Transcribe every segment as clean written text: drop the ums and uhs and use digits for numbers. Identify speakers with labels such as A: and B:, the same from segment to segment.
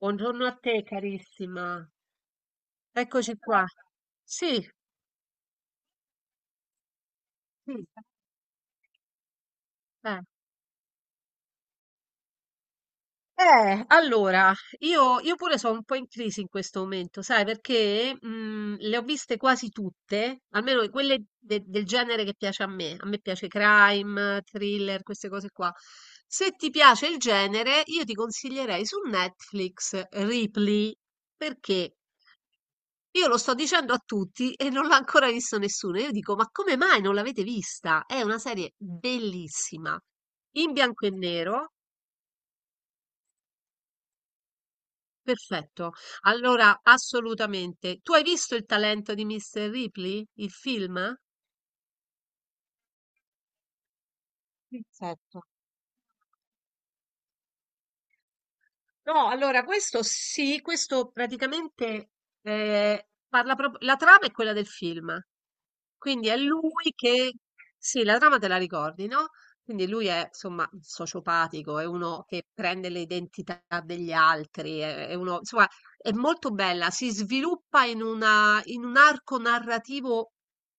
A: Buongiorno a te carissima, eccoci qua. Sì, sì. Eh, allora, io pure sono un po' in crisi in questo momento, sai, perché le ho viste quasi tutte, almeno quelle del genere che piace a me. A me piace crime, thriller, queste cose qua. Se ti piace il genere, io ti consiglierei su Netflix Ripley. Perché Io lo sto dicendo a tutti e non l'ha ancora visto nessuno. Io dico: "Ma come mai non l'avete vista?" È una serie bellissima, in bianco e nero, perfetto. Allora, assolutamente. Tu hai visto Il talento di Mr. Ripley? Il film? Perfetto. No, allora questo sì, questo praticamente parla proprio la trama è quella del film. Quindi è lui che. Sì, la trama te la ricordi, no? Quindi lui è, insomma, sociopatico, è uno che prende le identità degli altri, è uno. Insomma, è molto bella, si sviluppa in un arco narrativo,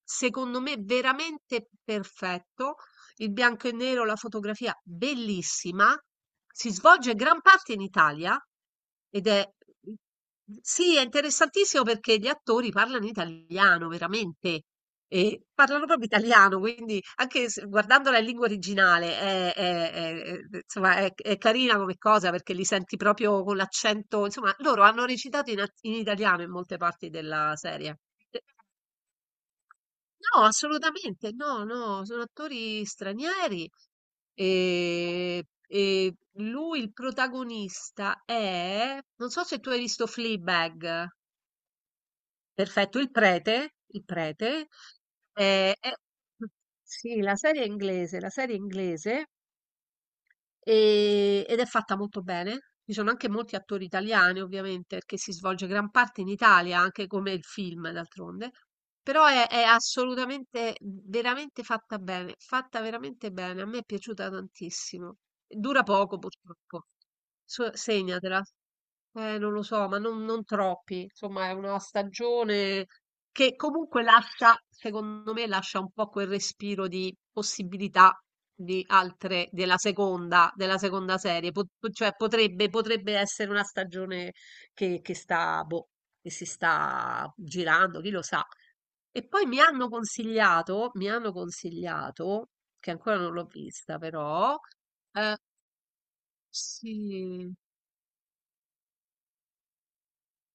A: secondo me, veramente perfetto. Il bianco e nero, la fotografia, bellissima. Si svolge gran parte in Italia ed è. Sì, è interessantissimo perché gli attori parlano italiano, veramente. E parlano proprio italiano, quindi anche guardandola in lingua originale insomma, è carina come cosa perché li senti proprio con l'accento. Insomma, loro hanno recitato in italiano in molte parti della serie. Eh, No, assolutamente, no, no, sono attori stranieri. E lui, il protagonista, è. Non so se tu hai visto Fleabag. Perfetto, il prete, è sì, la serie è inglese, ed è fatta molto bene. Ci sono anche molti attori italiani, ovviamente, perché si svolge gran parte in Italia, anche come il film, d'altronde. Però è assolutamente, veramente fatta bene, fatta veramente bene. A me è piaciuta tantissimo. Dura poco, purtroppo. Segnatela. Non lo so, ma non troppi. Insomma, è una stagione che comunque lascia, secondo me, lascia un po' quel respiro di possibilità di altre, della seconda serie. Cioè, potrebbe essere una stagione che sta, boh, che si sta girando, chi lo sa. E poi mi hanno consigliato, che ancora non l'ho vista, però, eh, sì.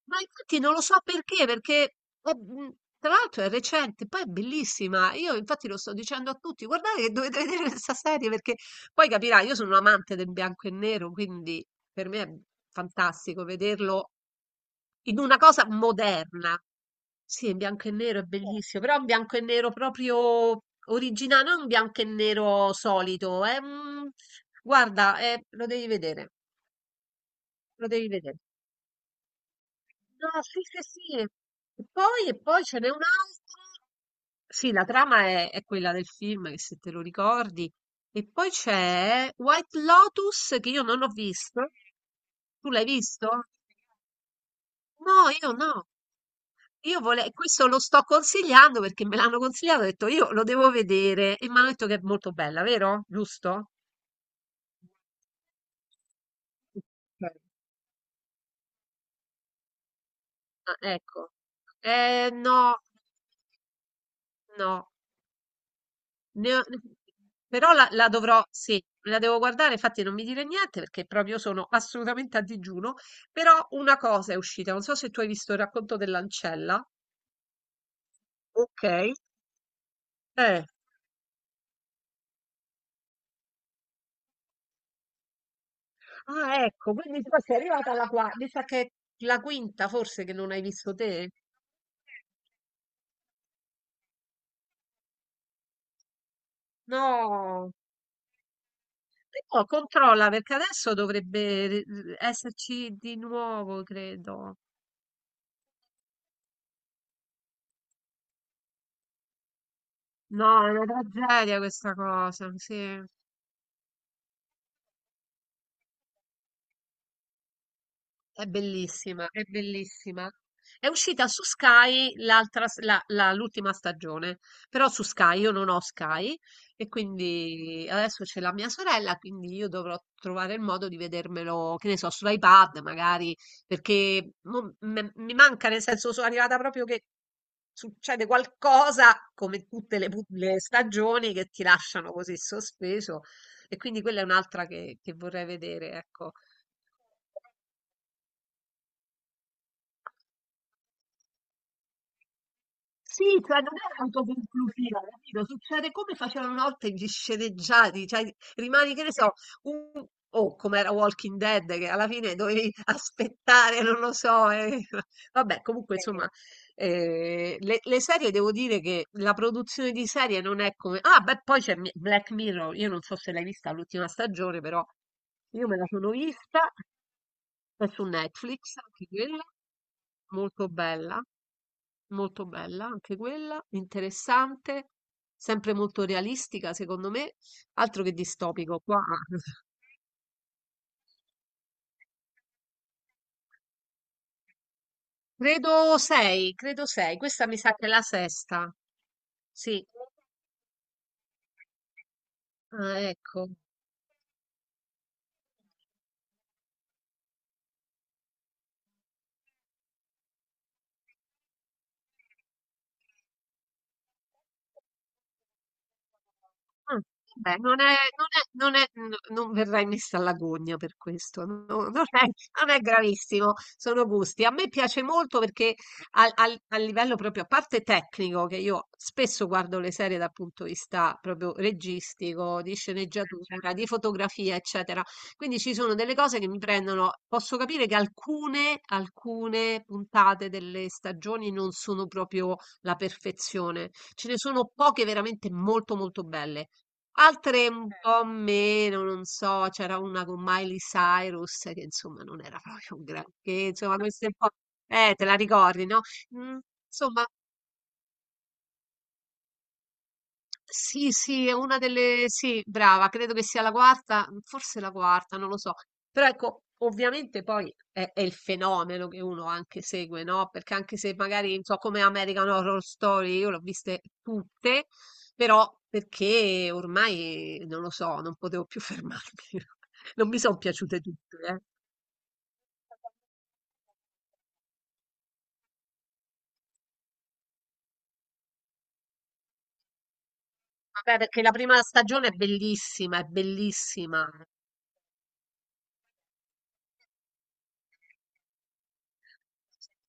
A: Ma infatti non lo so perché, perché è- mh, tra l'altro è recente, poi è bellissima. Io infatti lo sto dicendo a tutti, guardate che dovete vedere questa serie perché poi capirai, io sono un amante del bianco e nero, quindi per me è fantastico vederlo in una cosa moderna. Sì, in bianco e nero è bellissimo, però è un bianco e nero proprio originale, non un bianco e nero solito. Guarda, lo devi vedere, lo devi vedere. No, sì, sì, sì. E poi, ce n'è un'altra. Sì, la trama è quella del film, che se te lo ricordi. E poi c'è White Lotus, che io non ho visto. Tu l'hai visto? No, io no. Questo lo sto consigliando perché me l'hanno consigliato, ho detto io lo devo vedere e mi hanno detto che è molto bella, vero? Giusto? Ok. Ah, ecco. No, no. Ne ho- Però la dovrò, sì, la devo guardare, infatti non mi dire niente perché proprio sono assolutamente a digiuno, però una cosa è uscita, non so se tu hai visto il racconto dell'ancella. Ok. Eh. Ah, ecco, quindi tu sei arrivata alla quarta, mi sa che è la quinta forse che non hai visto te? No. Però controlla perché adesso dovrebbe esserci di nuovo, credo. No, è una tragedia questa cosa, sì. È bellissima, è bellissima. È uscita su Sky l'altra l'ultima stagione, però su Sky io non ho Sky e quindi adesso c'è la mia sorella, quindi io dovrò trovare il modo di vedermelo, che ne so, sull'iPad magari, perché mo mi manca, nel senso sono arrivata proprio che succede qualcosa come tutte le stagioni che ti lasciano così sospeso e quindi quella è un'altra che vorrei vedere, ecco. Sì, cioè non è autoconclusiva, capito, succede come facevano una volta gli sceneggiati, cioè rimani, che ne so, un o come era Walking Dead, che alla fine dovevi aspettare, non lo so, eh. Vabbè, comunque sì, insomma, le serie devo dire che la produzione di serie non è come. Ah, beh, poi c'è Black Mirror, io non so se l'hai vista l'ultima stagione, però io me la sono vista, è su Netflix, anche quella, molto bella. Molto bella anche quella, interessante, sempre molto realistica secondo me, altro che distopico qua. Credo sei, questa mi sa che è la sesta. Sì, ah, ecco. Ah, vabbè, non è non è non è n non verrai messa alla gogna per questo, no non è non è gravissimo, sono gusti. A me piace molto perché al al a livello proprio a parte tecnico, che io spesso guardo le serie dal punto di vista proprio registico, di sceneggiatura, di fotografia, eccetera. Quindi ci sono delle cose che mi prendono, posso capire che alcune puntate delle stagioni non sono proprio la perfezione. Ce ne sono poche veramente molto molto belle. Altre un po' meno, non so, c'era una con Miley Cyrus che insomma non era proprio un granché, insomma queste un po'. Te la ricordi, no? Mm, insomma, sì, sì, è una delle. Sì, brava, credo che sia la quarta, forse la quarta, non lo so. Però ecco, ovviamente poi è il fenomeno che uno anche segue, no? Perché anche se magari, non so, come American Horror Story, io l'ho viste tutte, però perché ormai, non lo so, non potevo più fermarmi. Non mi sono piaciute tutte, eh. Vabbè, perché la prima stagione è bellissima, è bellissima.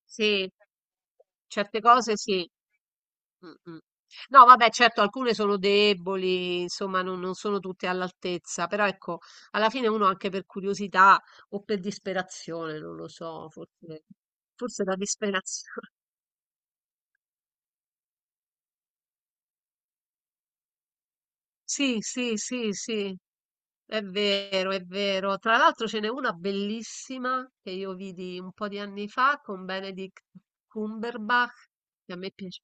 A: Sì, certe cose sì. Mh, mh. No, vabbè, certo, alcune sono deboli, insomma, non sono tutte all'altezza, però ecco, alla fine uno anche per curiosità o per disperazione, non lo so, forse, forse da disperazione. Sì, sì, sì, sì, è vero, è vero. Tra l'altro ce n'è una bellissima che io vidi un po' di anni fa con Benedict Cumberbatch, che a me piace.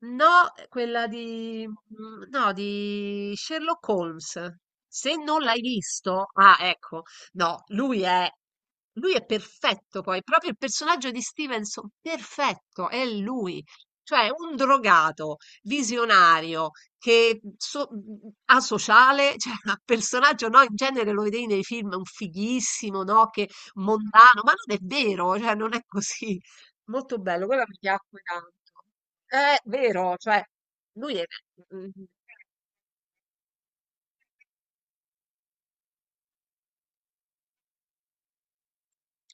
A: No, quella di, no, di Sherlock Holmes. Se non l'hai visto, ah, ecco, no, lui è, perfetto poi, proprio il personaggio di Stevenson, perfetto, è lui. Cioè, un drogato, visionario, che asociale, cioè, un personaggio, no, in genere lo vedevi nei film, un fighissimo, no, che mondano, ma non è vero, cioè, non è così. Molto bello, quella mi piacque tanto. Vero, cioè lui è mh-mh.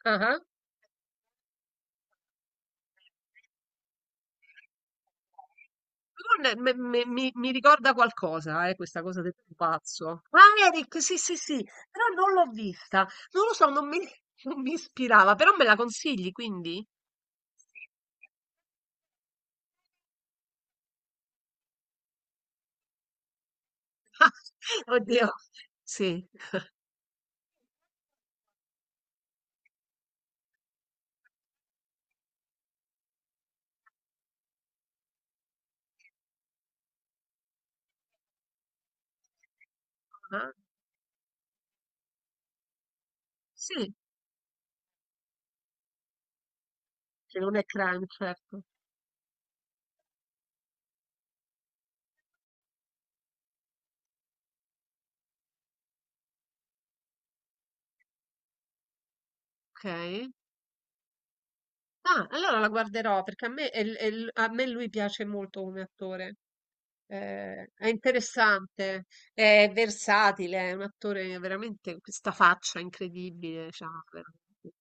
A: Ah-ah. Però ne me me mi mi ricorda qualcosa, questa cosa del pupazzo. Ah, Eric, sì, sì, sì, però non l'ho vista. Non lo so, non mi non mi ispirava, però me la consigli quindi? Oddio, sì. Ah-ah. Sì, che non è crime, certo. Okay. Ah, allora la guarderò perché a me lui piace molto come attore. È interessante, è versatile, è un attore veramente con questa faccia incredibile,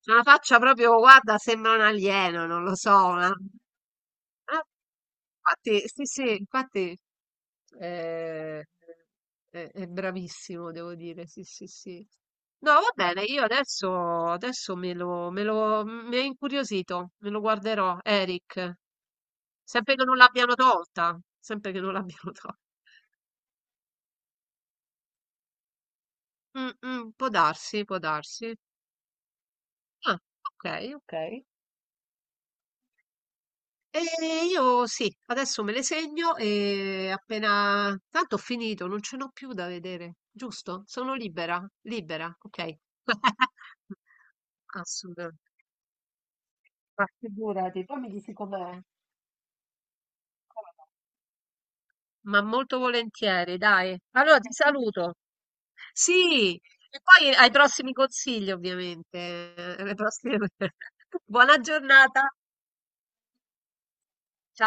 A: c'ha una faccia proprio, guarda, sembra un alieno, non lo so. Ah, infatti, sì, sì, infatti eh, è bravissimo, devo dire, sì, sì, sì. No, va bene, io adesso, mi ha incuriosito, me lo guarderò, Eric, sempre che non l'abbiano tolta, sempre che non l'abbiano tolta. Mh-mh, può darsi, può darsi. Ah, okay, okay. Io sì, adesso me le segno e appena tanto ho finito, non ce n'ho più da vedere, giusto? Sono libera, libera, okay. Assolutamente. Ma figurati, poi mi dici com'è. Come va. Ma molto volentieri, dai. Allora ti saluto. Sì, e poi ai prossimi consigli ovviamente, alle prossime Buona giornata. Ciao.